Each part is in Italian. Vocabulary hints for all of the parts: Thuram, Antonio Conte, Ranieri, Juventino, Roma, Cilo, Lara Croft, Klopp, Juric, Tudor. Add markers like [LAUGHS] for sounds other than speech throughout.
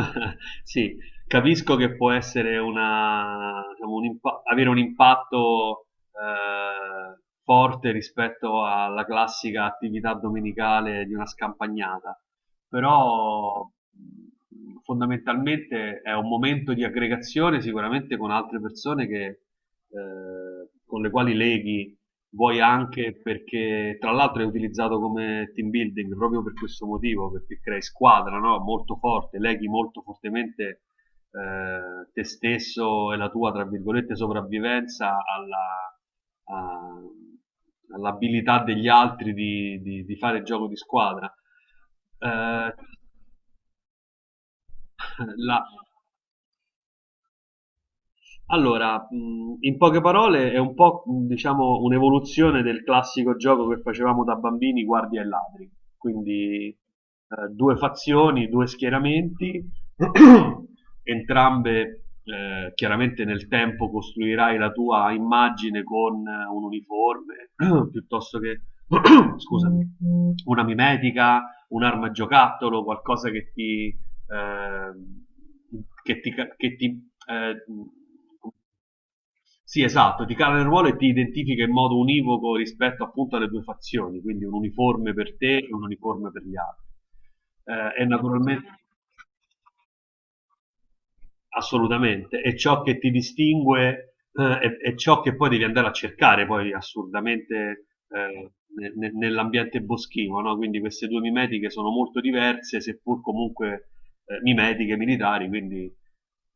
[LAUGHS] Sì, capisco che può essere una, diciamo, avere un impatto forte rispetto alla classica attività domenicale di una scampagnata, però fondamentalmente è un momento di aggregazione sicuramente con altre persone che, con le quali leghi. Vuoi anche perché, tra l'altro, è utilizzato come team building proprio per questo motivo, perché crei squadra, no? Molto forte, leghi molto fortemente te stesso e la tua, tra virgolette, sopravvivenza a- all'abilità degli altri di fare gioco di squadra. Eh, la, Allora, in poche parole è un po', diciamo un'evoluzione del classico gioco che facevamo da bambini, guardie e ladri. Quindi, 2 fazioni, 2 schieramenti, [CLEARS THROAT] entrambe chiaramente nel tempo costruirai la tua immagine con un uniforme, [CLEARS THROAT] piuttosto che [CLEARS THROAT] scusami, una mimetica, un'arma a giocattolo, qualcosa che ti ehm, che ti ca che ti ehm sì, esatto, ti cala nel ruolo e ti identifica in modo univoco rispetto appunto alle 2 fazioni, quindi un uniforme per te e un uniforme per gli altri. E naturalmente, assolutamente, è ciò che ti distingue, è ciò che poi devi andare a cercare poi assurdamente nell'ambiente boschivo, no? Quindi queste due mimetiche sono molto diverse, seppur comunque mimetiche militari, quindi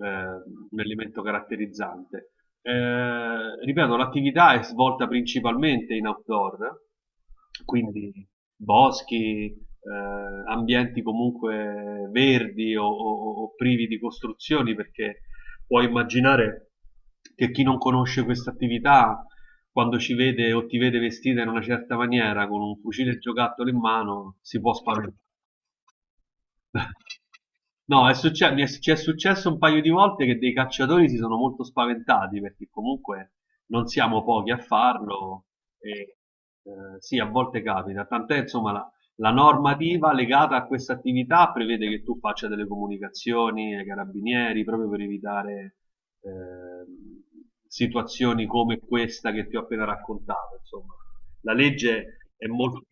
un elemento caratterizzante. Ripeto, l'attività è svolta principalmente in outdoor, quindi boschi, ambienti comunque verdi o privi di costruzioni, perché puoi immaginare che chi non conosce questa attività, quando ci vede o ti vede vestita in una certa maniera, con un fucile giocattolo in mano, si può spaventare. No, è succe- mi è- ci è successo un paio di volte che dei cacciatori si sono molto spaventati perché comunque non siamo pochi a farlo e sì, a volte capita. Tant'è, insomma, la normativa legata a questa attività prevede che tu faccia delle comunicazioni ai carabinieri proprio per evitare ehm, situazioni come questa che ti ho appena raccontato. Insomma, la legge è molto...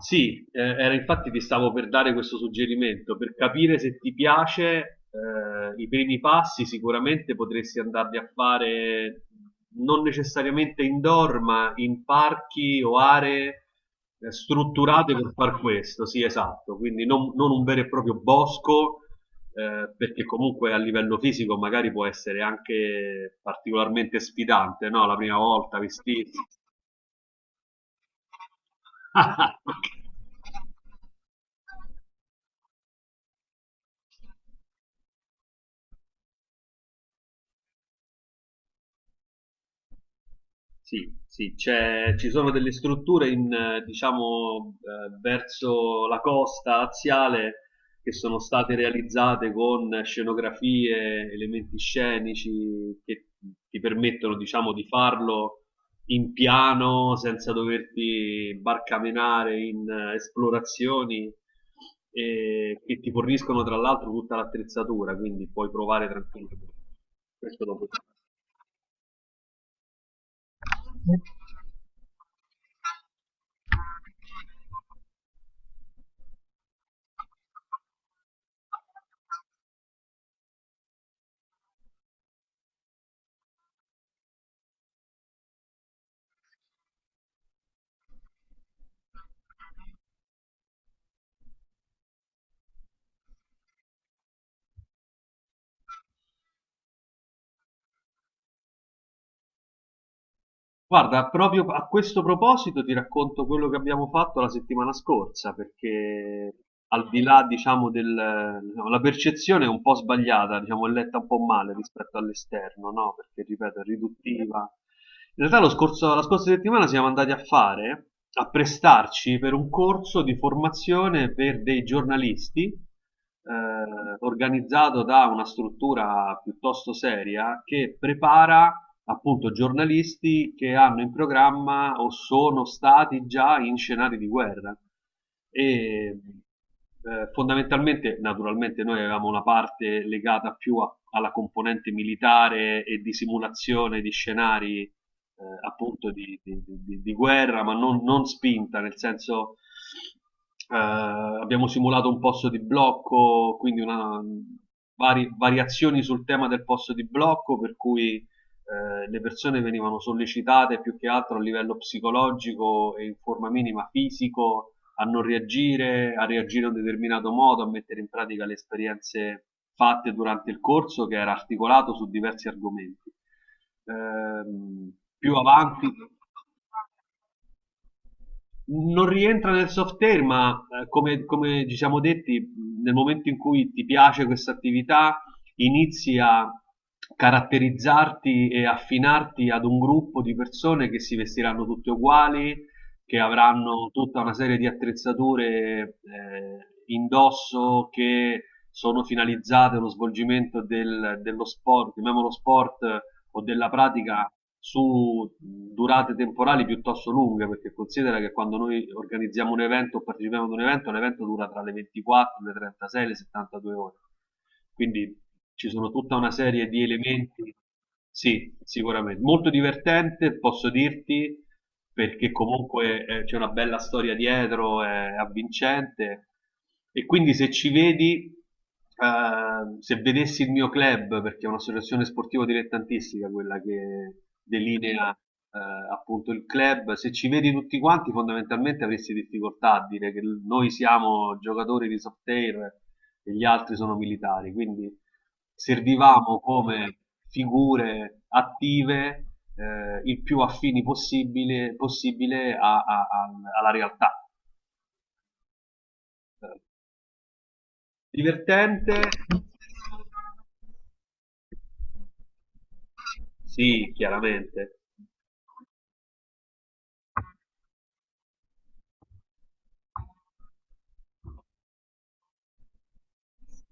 Sì, era infatti ti stavo per dare questo suggerimento, per capire se ti piace, i primi passi sicuramente potresti andarli a fare non necessariamente indoor, ma in parchi o aree strutturate per far questo, sì, esatto, quindi non un vero e proprio bosco, perché comunque a livello fisico magari può essere anche particolarmente sfidante, no? La prima volta vestirsi. [LAUGHS] Sì, sì, ci sono delle strutture in, diciamo, verso la costa aziale che sono state realizzate con scenografie, elementi scenici che ti permettono, diciamo, di farlo in piano senza doverti barcamenare in esplorazioni e che ti forniscono tra l'altro tutta l'attrezzatura, quindi puoi provare tranquillamente. Questo dopo. Guarda, proprio a questo proposito ti racconto quello che abbiamo fatto la settimana scorsa, perché al di là, diciamo, del, diciamo, la percezione è un po' sbagliata, diciamo, è letta un po' male rispetto all'esterno, no? Perché, ripeto, è riduttiva. In realtà la scorsa settimana siamo andati a fare, a prestarci per un corso di formazione per dei giornalisti, organizzato da una struttura piuttosto seria che prepara appunto giornalisti che hanno in programma o sono stati già in scenari di guerra. E Fondamentalmente, naturalmente, noi avevamo una parte legata più alla componente militare e di simulazione di scenari appunto di guerra, ma non spinta, nel senso. Abbiamo simulato un posto di blocco, quindi una, variazioni sul tema del posto di blocco, per cui le persone venivano sollecitate più che altro a livello psicologico e in forma minima fisico a non reagire, a reagire in un determinato modo, a mettere in pratica le esperienze fatte durante il corso che era articolato su diversi argomenti. Ehm, Più avanti, non rientra nel software, ma come ci siamo detti, nel momento in cui ti piace questa attività, inizi a caratterizzarti e affinarti ad un gruppo di persone che si vestiranno tutte uguali, che avranno tutta una serie di attrezzature indosso che sono finalizzate allo svolgimento dello sport, chiamiamolo sport o della pratica su durate temporali piuttosto lunghe, perché considera che quando noi organizziamo un evento o partecipiamo ad un evento, l'evento dura tra le 24, le 36 e le 72 ore. Quindi ci sono tutta una serie di elementi. Sì, sicuramente. Molto divertente, posso dirti, perché comunque c'è una bella storia dietro, è avvincente. E quindi se ci vedi, se vedessi il mio club, perché è un'associazione sportiva dilettantistica quella che delinea appunto il club, se ci vedi tutti quanti, fondamentalmente avresti difficoltà a dire che noi siamo giocatori di soft air e gli altri sono militari, quindi servivamo come figure attive il più affini possibile, possibile alla realtà. Eh, Divertente? Sì, chiaramente.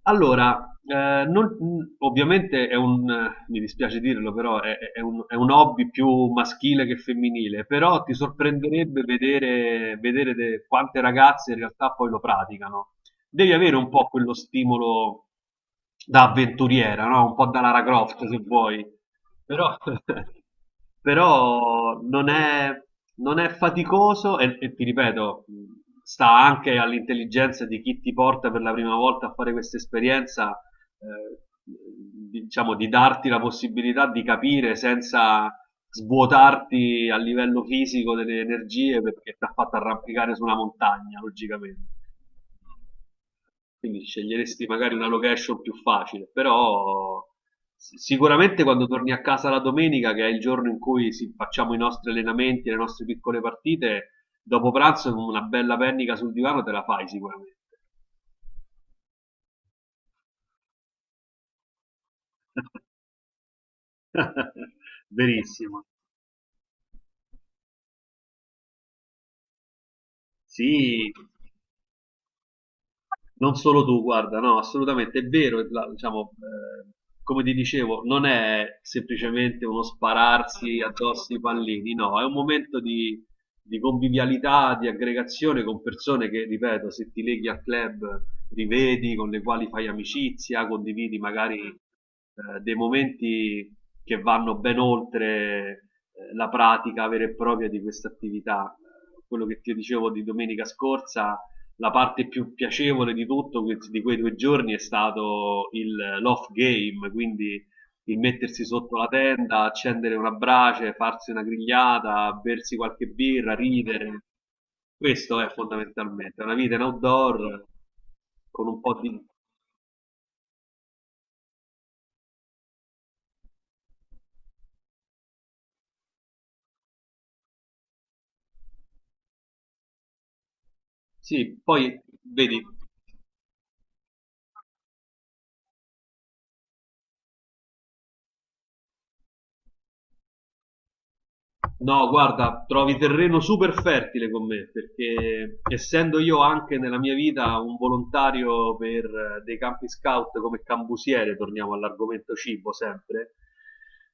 Allora, ovviamente è un, mi dispiace dirlo, però è un hobby più maschile che femminile, però ti sorprenderebbe vedere, quante ragazze in realtà poi lo praticano. Devi avere un po' quello stimolo da avventuriera, no, un po' da Lara Croft se vuoi, però [LAUGHS] però non è faticoso e ti ripeto, sta anche all'intelligenza di chi ti porta per la prima volta a fare questa esperienza, diciamo di darti la possibilità di capire senza svuotarti a livello fisico delle energie perché t'ha fatto arrampicare su una montagna logicamente, quindi sceglieresti magari una location più facile, però sicuramente quando torni a casa la domenica, che è il giorno in cui facciamo i nostri allenamenti, le nostre piccole partite, dopo pranzo con una bella pennica sul divano te la fai sicuramente. [LAUGHS] Benissimo. Sì, non solo tu, guarda, no, assolutamente è vero, diciamo, come ti dicevo, non è semplicemente uno spararsi addosso i pallini, no, è un momento di convivialità, di aggregazione con persone che, ripeto, se ti leghi al club rivedi, con le quali fai amicizia, condividi magari dei momenti che vanno ben oltre la pratica vera e propria di questa attività. Quello che ti dicevo di domenica scorsa, la parte più piacevole di tutto di quei due giorni è stato l'off game, quindi il mettersi sotto la tenda, accendere una brace, farsi una grigliata, bersi qualche birra, ridere. Questo è fondamentalmente una vita in outdoor con un po' di... Sì, poi vedi, no, guarda, trovi terreno super fertile con me, perché essendo io anche nella mia vita un volontario per dei campi scout come cambusiere, torniamo all'argomento cibo sempre,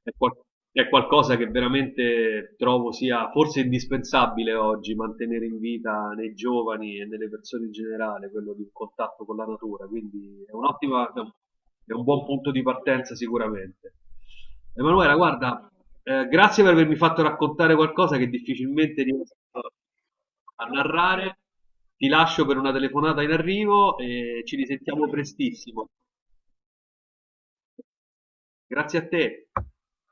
è, qual- è qualcosa che veramente trovo sia forse indispensabile oggi mantenere in vita nei giovani e nelle persone in generale, quello di un contatto con la natura, quindi è un buon punto di partenza sicuramente. Emanuela, guarda, grazie per avermi fatto raccontare qualcosa che difficilmente riesco a narrare. Ti lascio per una telefonata in arrivo e ci risentiamo prestissimo. Grazie a te.